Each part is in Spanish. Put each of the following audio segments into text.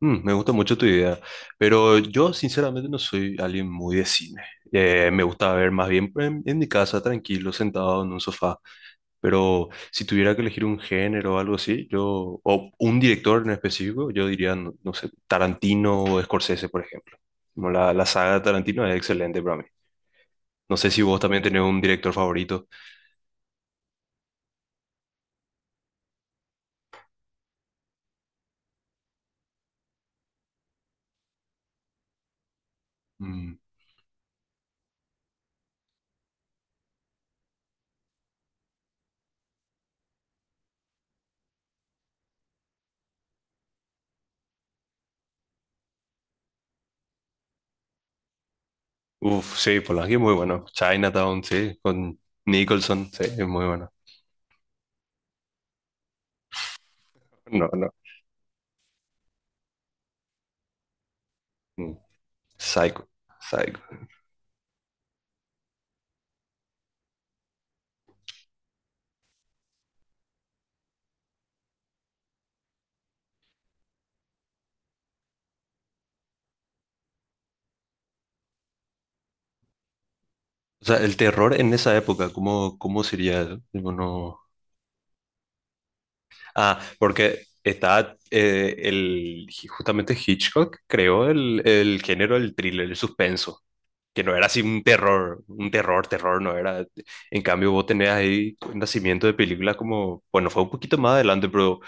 Mm, me gusta mucho tu idea, pero yo sinceramente no soy alguien muy de cine. Me gusta ver más bien en mi casa, tranquilo, sentado en un sofá. Pero si tuviera que elegir un género o algo así, yo, o un director en específico, yo diría, no, no sé, Tarantino o Scorsese, por ejemplo. Como la saga de Tarantino es excelente para mí. No sé si vos también tenés un director favorito. Mm. Uf, sí, Polanski es muy bueno. Chinatown, sí, con Nicholson, sí, es muy bueno. No, no. mm, Psycho. Psycho. O sea, el terror en esa época, ¿cómo, cómo sería eso? Tipo, no... Ah, porque justamente Hitchcock creó el género del thriller, el suspenso, que no era así un terror, terror, no era. En cambio, vos tenés ahí un nacimiento de películas como, bueno, fue un poquito más adelante, pero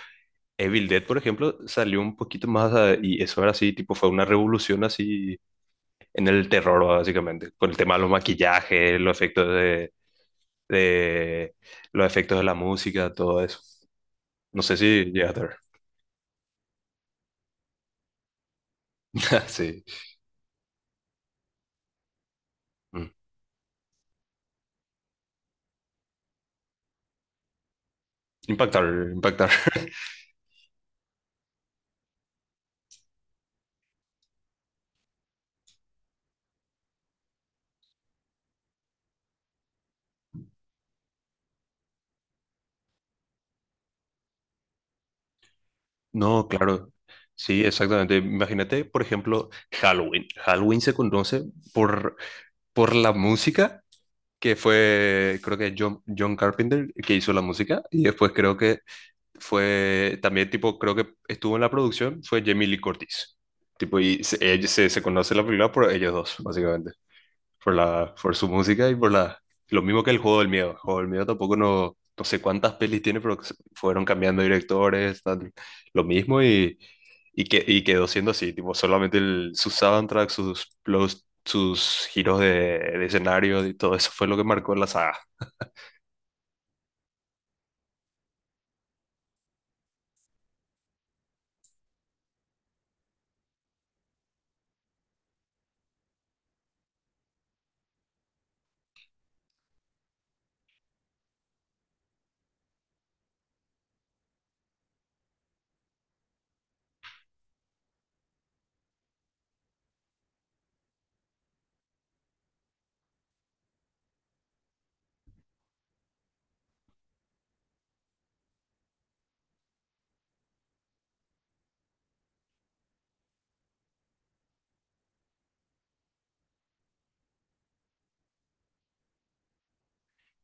Evil Dead, por ejemplo, salió un poquito y eso era así, tipo, fue una revolución así en el terror, básicamente, con el tema de los maquillajes, los efectos de los efectos de la música, todo eso. No sé si llegaste a ver. Sí. Mm. Impactar, impactar. No, claro. Sí, exactamente. Imagínate, por ejemplo, Halloween. Halloween se conoce por, por la música que fue, creo que John Carpenter que hizo la música y después creo que fue también tipo, creo que estuvo en la producción, fue Jamie Lee Curtis. Tipo, se conoce la película por ellos dos, básicamente. Por por su música y por lo mismo que el juego del miedo. El juego del miedo tampoco no, no sé cuántas pelis tiene, fueron cambiando directores, tal, lo mismo y quedó siendo así, tipo, solamente sus soundtracks, sus giros de escenario y todo eso fue lo que marcó la saga.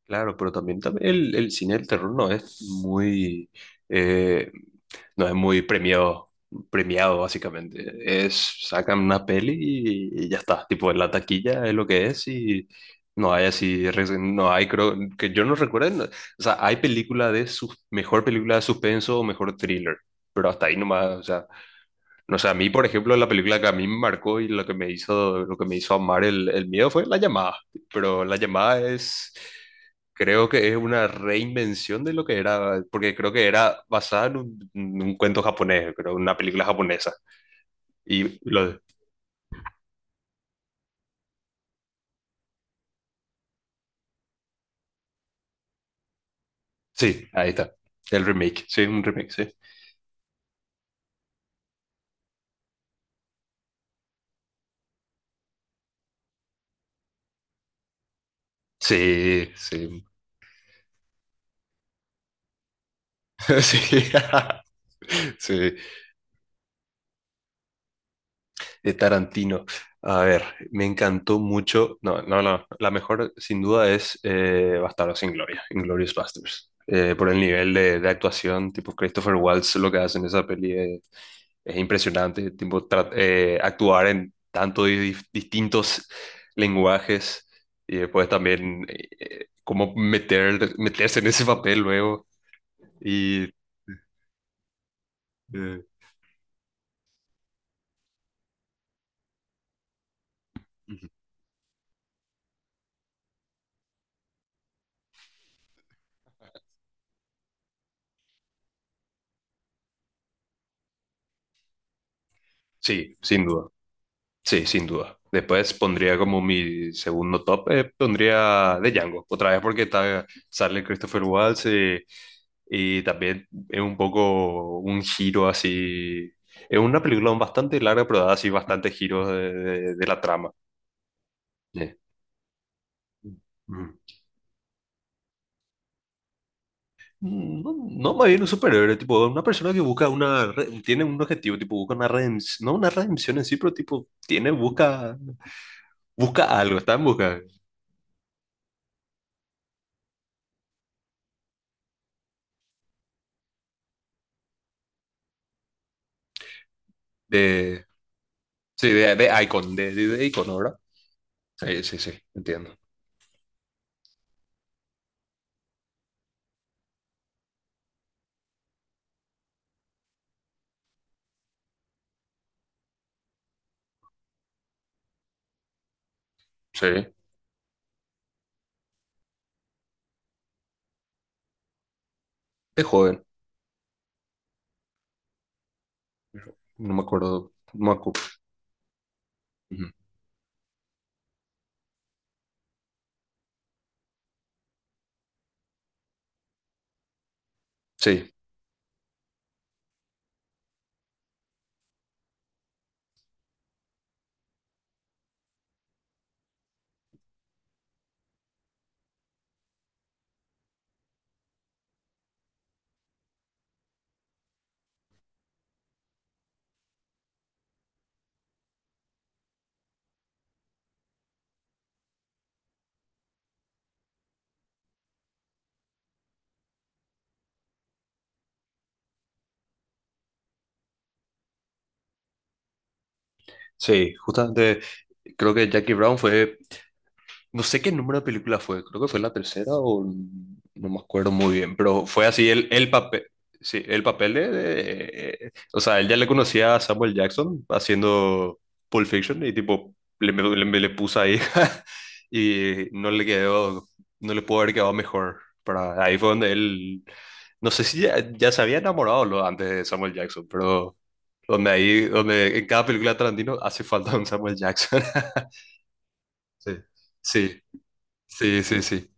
Claro, pero también, también el cine del terror no es muy, eh, no es muy premiado, premiado básicamente. Es, sacan una peli y ya está. Tipo, en la taquilla es lo que es y no hay así, no hay, creo, que yo no recuerdo. O sea, hay película de sus, mejor película de suspenso o mejor thriller, pero hasta ahí nomás, no sé, a mí, por ejemplo, la película que a mí me marcó y lo que me hizo, lo que me hizo amar el miedo fue La Llamada. Pero La Llamada es, creo que es una reinvención de lo que era, porque creo que era basada en en un cuento japonés, creo, una película japonesa. Y lo, sí, ahí está. El remake, sí, un remake, sí. Sí, sí, sí, sí. De Tarantino. A ver, me encantó mucho. No, no, no. La mejor, sin duda, es Bastardos sin Gloria, Inglourious Basterds. Por el nivel de actuación, tipo Christopher Waltz, lo que hace en esa peli es impresionante. Tipo, actuar en tantos distintos lenguajes y después también cómo meter, meterse en ese papel luego. Y eh, ujú. Sí, sin duda. Sí, sin duda. Después pondría como mi segundo top, pondría de Django, otra vez porque está, sale Christopher Waltz y también es un poco un giro así. Es una película bastante larga, pero da así bastantes giros de la trama. Eh, ujú. No, no más bien un superhéroe, tipo una persona que busca una, tiene un objetivo, tipo busca una redención, no una redención en sí, pero tipo tiene, busca, busca algo, está en busca de, sí, de Icon, de Icon, ¿no, ¿verdad? Sí, sí, sí, entiendo. Sí, de joven, no me acuerdo. No me acu- Ujú. Sí, sí, justamente creo que Jackie Brown fue. No sé qué número de película fue, creo que fue la tercera o no me acuerdo muy bien, pero fue así el papel, sí, el papel o sea, él ya le conocía a Samuel Jackson haciendo Pulp Fiction y tipo, le puso ahí y no le quedó, no le pudo haber quedado mejor. Para, ahí fue donde él, no sé si ya, ya se había enamorado lo, antes de Samuel Jackson, pero donde ahí, donde en cada película de Tarantino hace falta un Samuel Jackson. Sí, sí, sí, sí, sí.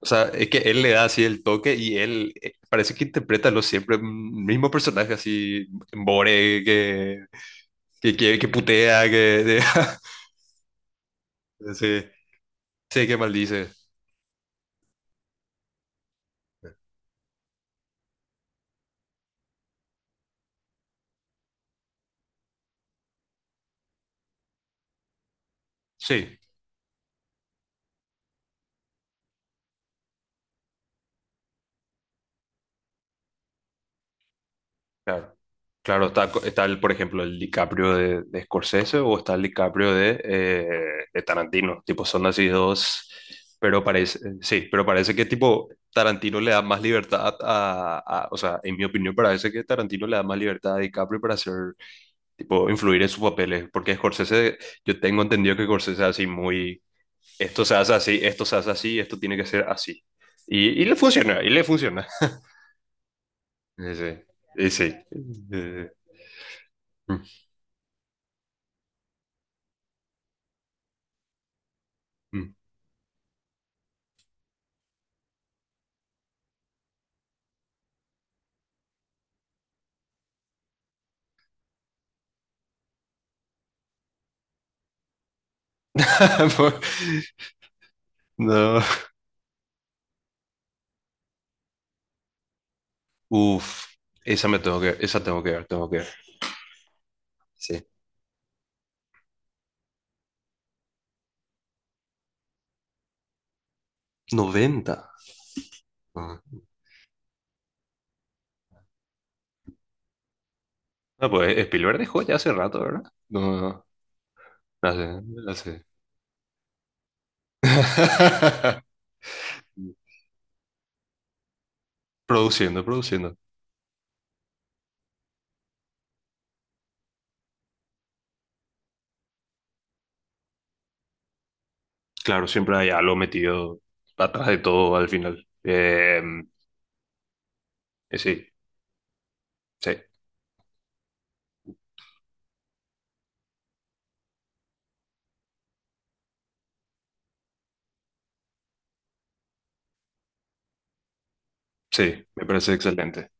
O sea, es que él le da así el toque y él parece que interpreta lo siempre, mm, mismo personaje así, Bore, que, que putea, que... de- sí, sí, que maldice. Sí, claro. Claro, está, co- está el, por ejemplo, el DiCaprio de Scorsese o está el DiCaprio de Tarantino. Tipo, son así dos, pero parece, sí, pero parece que tipo Tarantino le da más libertad o sea, en mi opinión parece que Tarantino le da más libertad a DiCaprio para hacer tipo, influir en sus papeles, porque Scorsese, yo tengo entendido que Scorsese es así muy, esto se hace así, esto se hace así, esto tiene que ser así. Y le funciona, y le funciona. Sí, sí. Y sí. Eh, mm, mm. No. Uf, esa me tengo que, esa tengo que ver, tengo que ver. Sí. Noventa. Ah, no, pues Spielberg dejó ya hace rato, ¿verdad? No, no, no, hace, hace. Produciendo, produciendo. Claro, siempre hay algo metido atrás de todo al final. Y sí, sí, sí, me parece excelente.